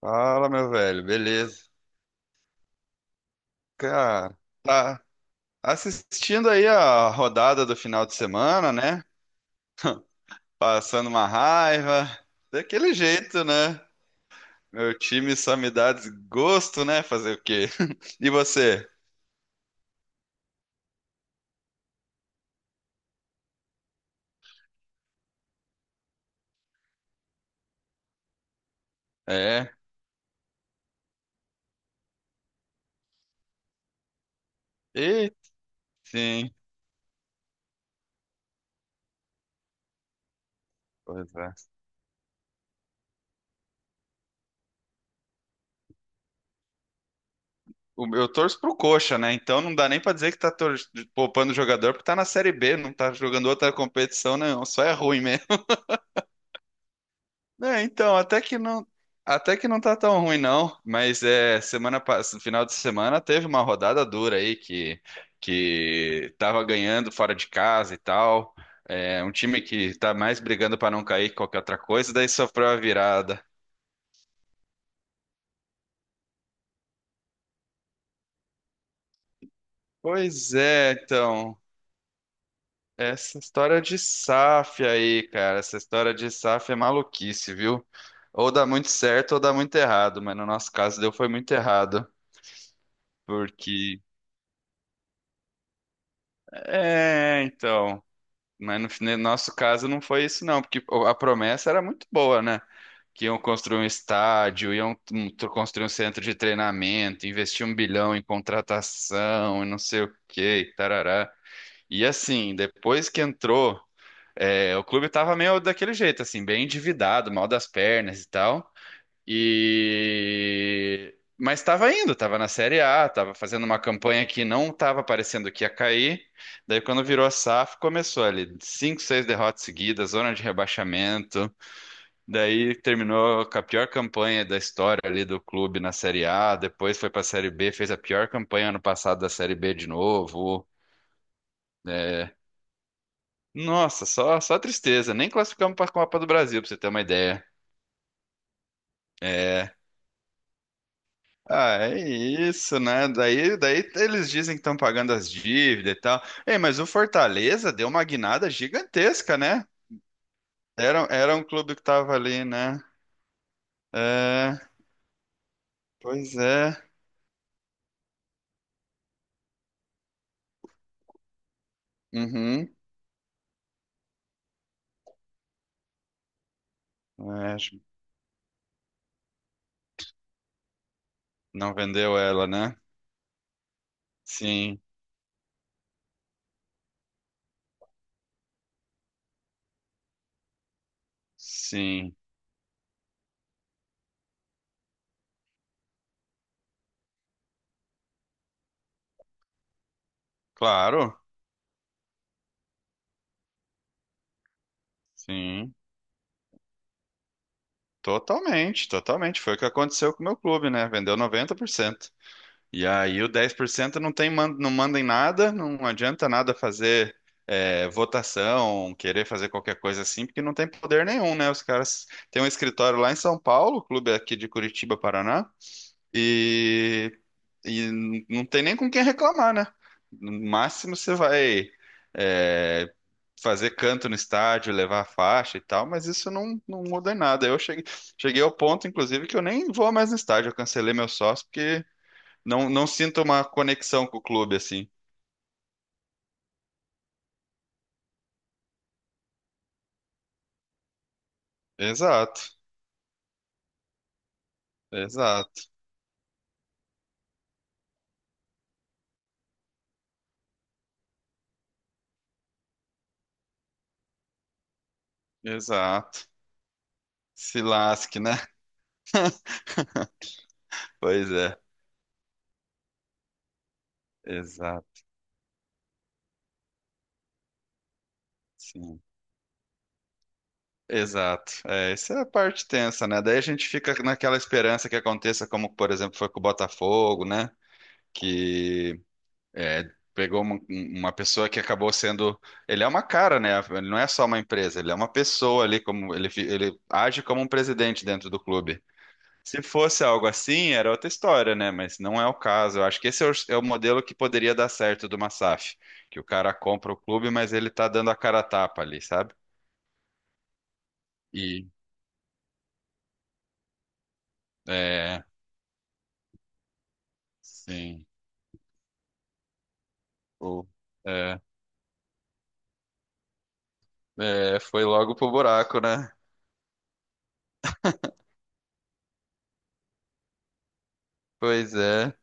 Fala, meu velho, beleza? Cara, tá assistindo aí a rodada do final de semana, né? Passando uma raiva, daquele jeito, né? Meu time só me dá desgosto, né? Fazer o quê? E você? É? E sim, pois é. Eu torço pro Coxa, né? Então não dá nem pra dizer que tá poupando o jogador porque tá na Série B, não tá jogando outra competição, não. Só é ruim mesmo. É, então, até que não tá tão ruim não, mas no final de semana teve uma rodada dura aí que tava ganhando fora de casa e tal. É, um time que tá mais brigando pra não cair que qualquer outra coisa, daí sofreu a virada. Pois é, então, essa história de SAF aí, cara, essa história de SAF é maluquice, viu? Ou dá muito certo ou dá muito errado, mas no nosso caso deu foi muito errado, porque é, então. Mas no nosso caso não foi isso, não, porque a promessa era muito boa, né? Que iam construir um estádio, iam construir um centro de treinamento, investir 1 bilhão em contratação e não sei o quê, e tarará. E assim, depois que entrou, o clube tava meio daquele jeito, assim, bem endividado, mal das pernas e tal. E mas estava indo, estava na Série A, estava fazendo uma campanha que não estava parecendo que ia cair. Daí quando virou a SAF, começou ali cinco, seis derrotas seguidas, zona de rebaixamento. Daí terminou com a pior campanha da história ali do clube na Série A. Depois foi para a Série B, fez a pior campanha ano passado da Série B de novo. É, nossa, só tristeza. Nem classificamos para a Copa do Brasil, para você ter uma ideia. É, ah, é isso, né? Daí eles dizem que estão pagando as dívidas e tal. Ei, mas o Fortaleza deu uma guinada gigantesca, né? Era um clube que tava ali, né? É, pois é. Uhum. É, acho que não vendeu ela, né? Sim, sim. Claro, sim. Totalmente, totalmente. Foi o que aconteceu com o meu clube, né? Vendeu 90%. E aí o 10% não tem, não manda em nada, não adianta nada fazer votação, querer fazer qualquer coisa assim, porque não tem poder nenhum, né? Os caras têm um escritório lá em São Paulo, o clube aqui de Curitiba, Paraná, e, e não tem nem com quem reclamar, né? No máximo você vai é, fazer canto no estádio, levar a faixa e tal, mas isso não, não muda em nada. Eu cheguei ao ponto, inclusive, que eu nem vou mais no estádio, eu cancelei meu sócio, porque não, não sinto uma conexão com o clube, assim. Exato, exato, exato. Se lasque, né? Pois é, exato, sim. Exato. É, isso é a parte tensa, né? Daí a gente fica naquela esperança que aconteça, como, por exemplo, foi com o Botafogo, né? Que é, Pegou uma pessoa que acabou sendo. Ele é uma cara, né? Ele não é só uma empresa, ele é uma pessoa ali, como ele age como um presidente dentro do clube. Se fosse algo assim, era outra história, né? Mas não é o caso. Eu acho que esse é o modelo que poderia dar certo do Massaf, que o cara compra o clube, mas ele tá dando a cara a tapa ali, sabe? E é, sim, o, é, foi logo pro buraco, né? Pois é.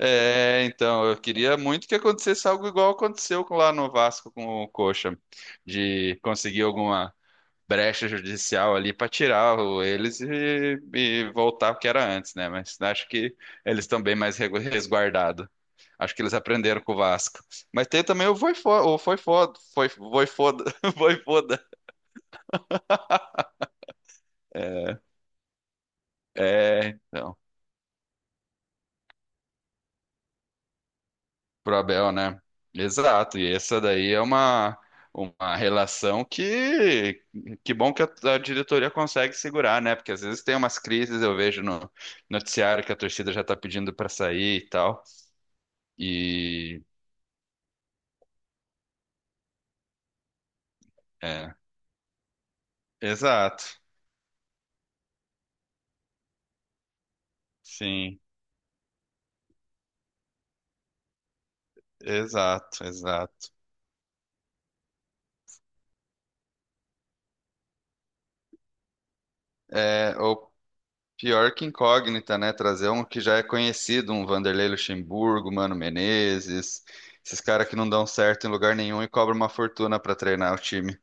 É, então, eu queria muito que acontecesse algo igual aconteceu lá no Vasco com o Coxa, de conseguir alguma brecha judicial ali para tirar eles e voltar o que era antes, né? Mas acho que eles estão bem mais resguardados. Acho que eles aprenderam com o Vasco. Mas tem também o Voifoda, foi, Voifoda, Voivoda. É, é, então, pro Abel, né? Exato, e essa daí é uma relação que bom que a diretoria consegue segurar, né? Porque às vezes tem umas crises, eu vejo no noticiário que a torcida já tá pedindo para sair e tal. E é, exato, sim, exato, exato. É, ou pior que incógnita, né? Trazer um que já é conhecido, um Vanderlei Luxemburgo, Mano Menezes, esses caras que não dão certo em lugar nenhum e cobram uma fortuna pra treinar o time.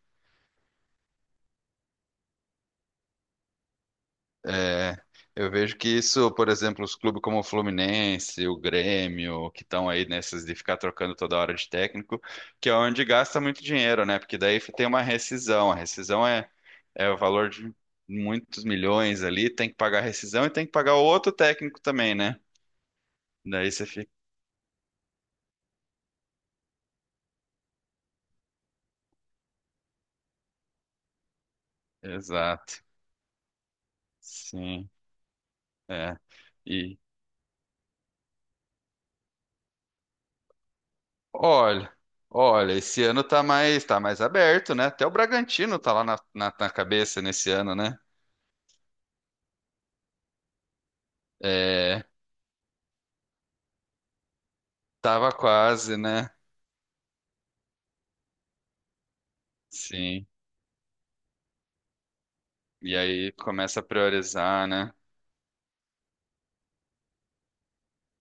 É, eu vejo que isso, por exemplo, os clubes como o Fluminense, o Grêmio, que estão aí nessas de ficar trocando toda hora de técnico, que é onde gasta muito dinheiro, né? Porque daí tem uma rescisão. A rescisão é o valor de muitos milhões ali, tem que pagar a rescisão e tem que pagar o outro técnico também, né? Daí você fica. Exato. Sim, é. E olha, olha, esse ano tá mais aberto, né? Até o Bragantino tá lá na cabeça nesse ano, né? É, tava quase, né? Sim. E aí começa a priorizar, né?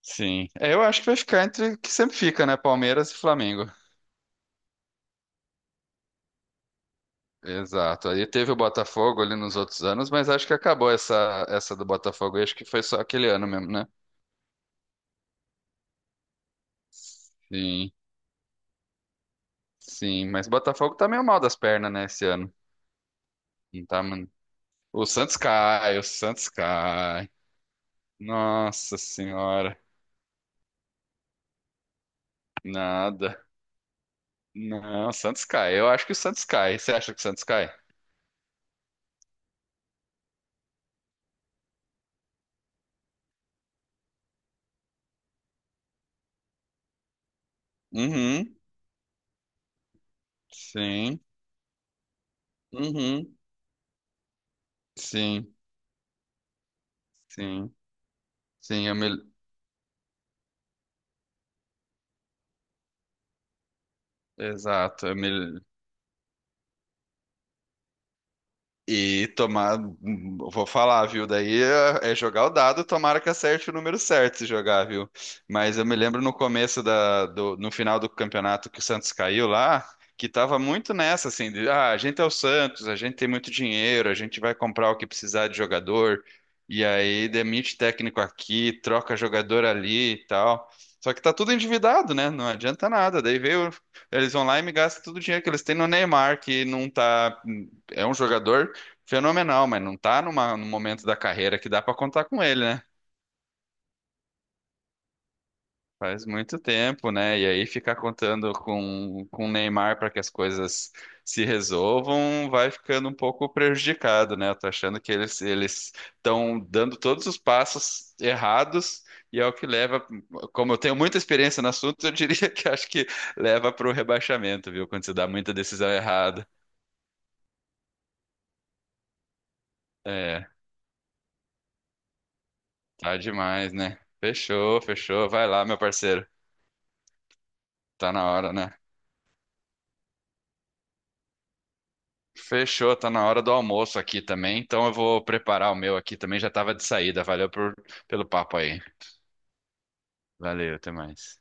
Sim. É, eu acho que vai ficar entre o que sempre fica, né? Palmeiras e Flamengo. Exato. Aí teve o Botafogo ali nos outros anos, mas acho que acabou essa do Botafogo. Eu acho que foi só aquele ano mesmo, né? Sim. Sim, mas o Botafogo tá meio mal das pernas, né, esse ano. Não tá, mano. O Santos cai, o Santos cai. Nossa Senhora. Nada. Não, o Santos cai. Eu acho que o Santos cai. Você acha que o Santos cai? Uhum. Sim. Uhum. Sim. Sim. Sim, exato. E tomar, vou falar, viu? Daí é jogar o dado, tomara que acerte o número certo se jogar, viu? Mas eu me lembro no final do campeonato que o Santos caiu lá, que tava muito nessa, assim, a gente é o Santos, a gente tem muito dinheiro, a gente vai comprar o que precisar de jogador, e aí demite técnico aqui, troca jogador ali e tal. Só que tá tudo endividado, né? Não adianta nada. Daí veio, eles vão lá e me gastam todo o dinheiro que eles têm no Neymar, que não tá é um jogador fenomenal, mas não tá num momento da carreira que dá pra contar com ele, né? Faz muito tempo, né? E aí ficar contando com o Neymar para que as coisas se resolvam vai ficando um pouco prejudicado, né? Eu tô achando que eles estão dando todos os passos errados e é o que leva, como eu tenho muita experiência no assunto, eu diria que acho que leva para o rebaixamento, viu? Quando se dá muita decisão errada. É, tá demais, né? Fechou, fechou. Vai lá, meu parceiro. Tá na hora, né? Fechou, tá na hora do almoço aqui também, então eu vou preparar o meu aqui também, já tava de saída. Valeu pelo papo aí. Valeu, até mais.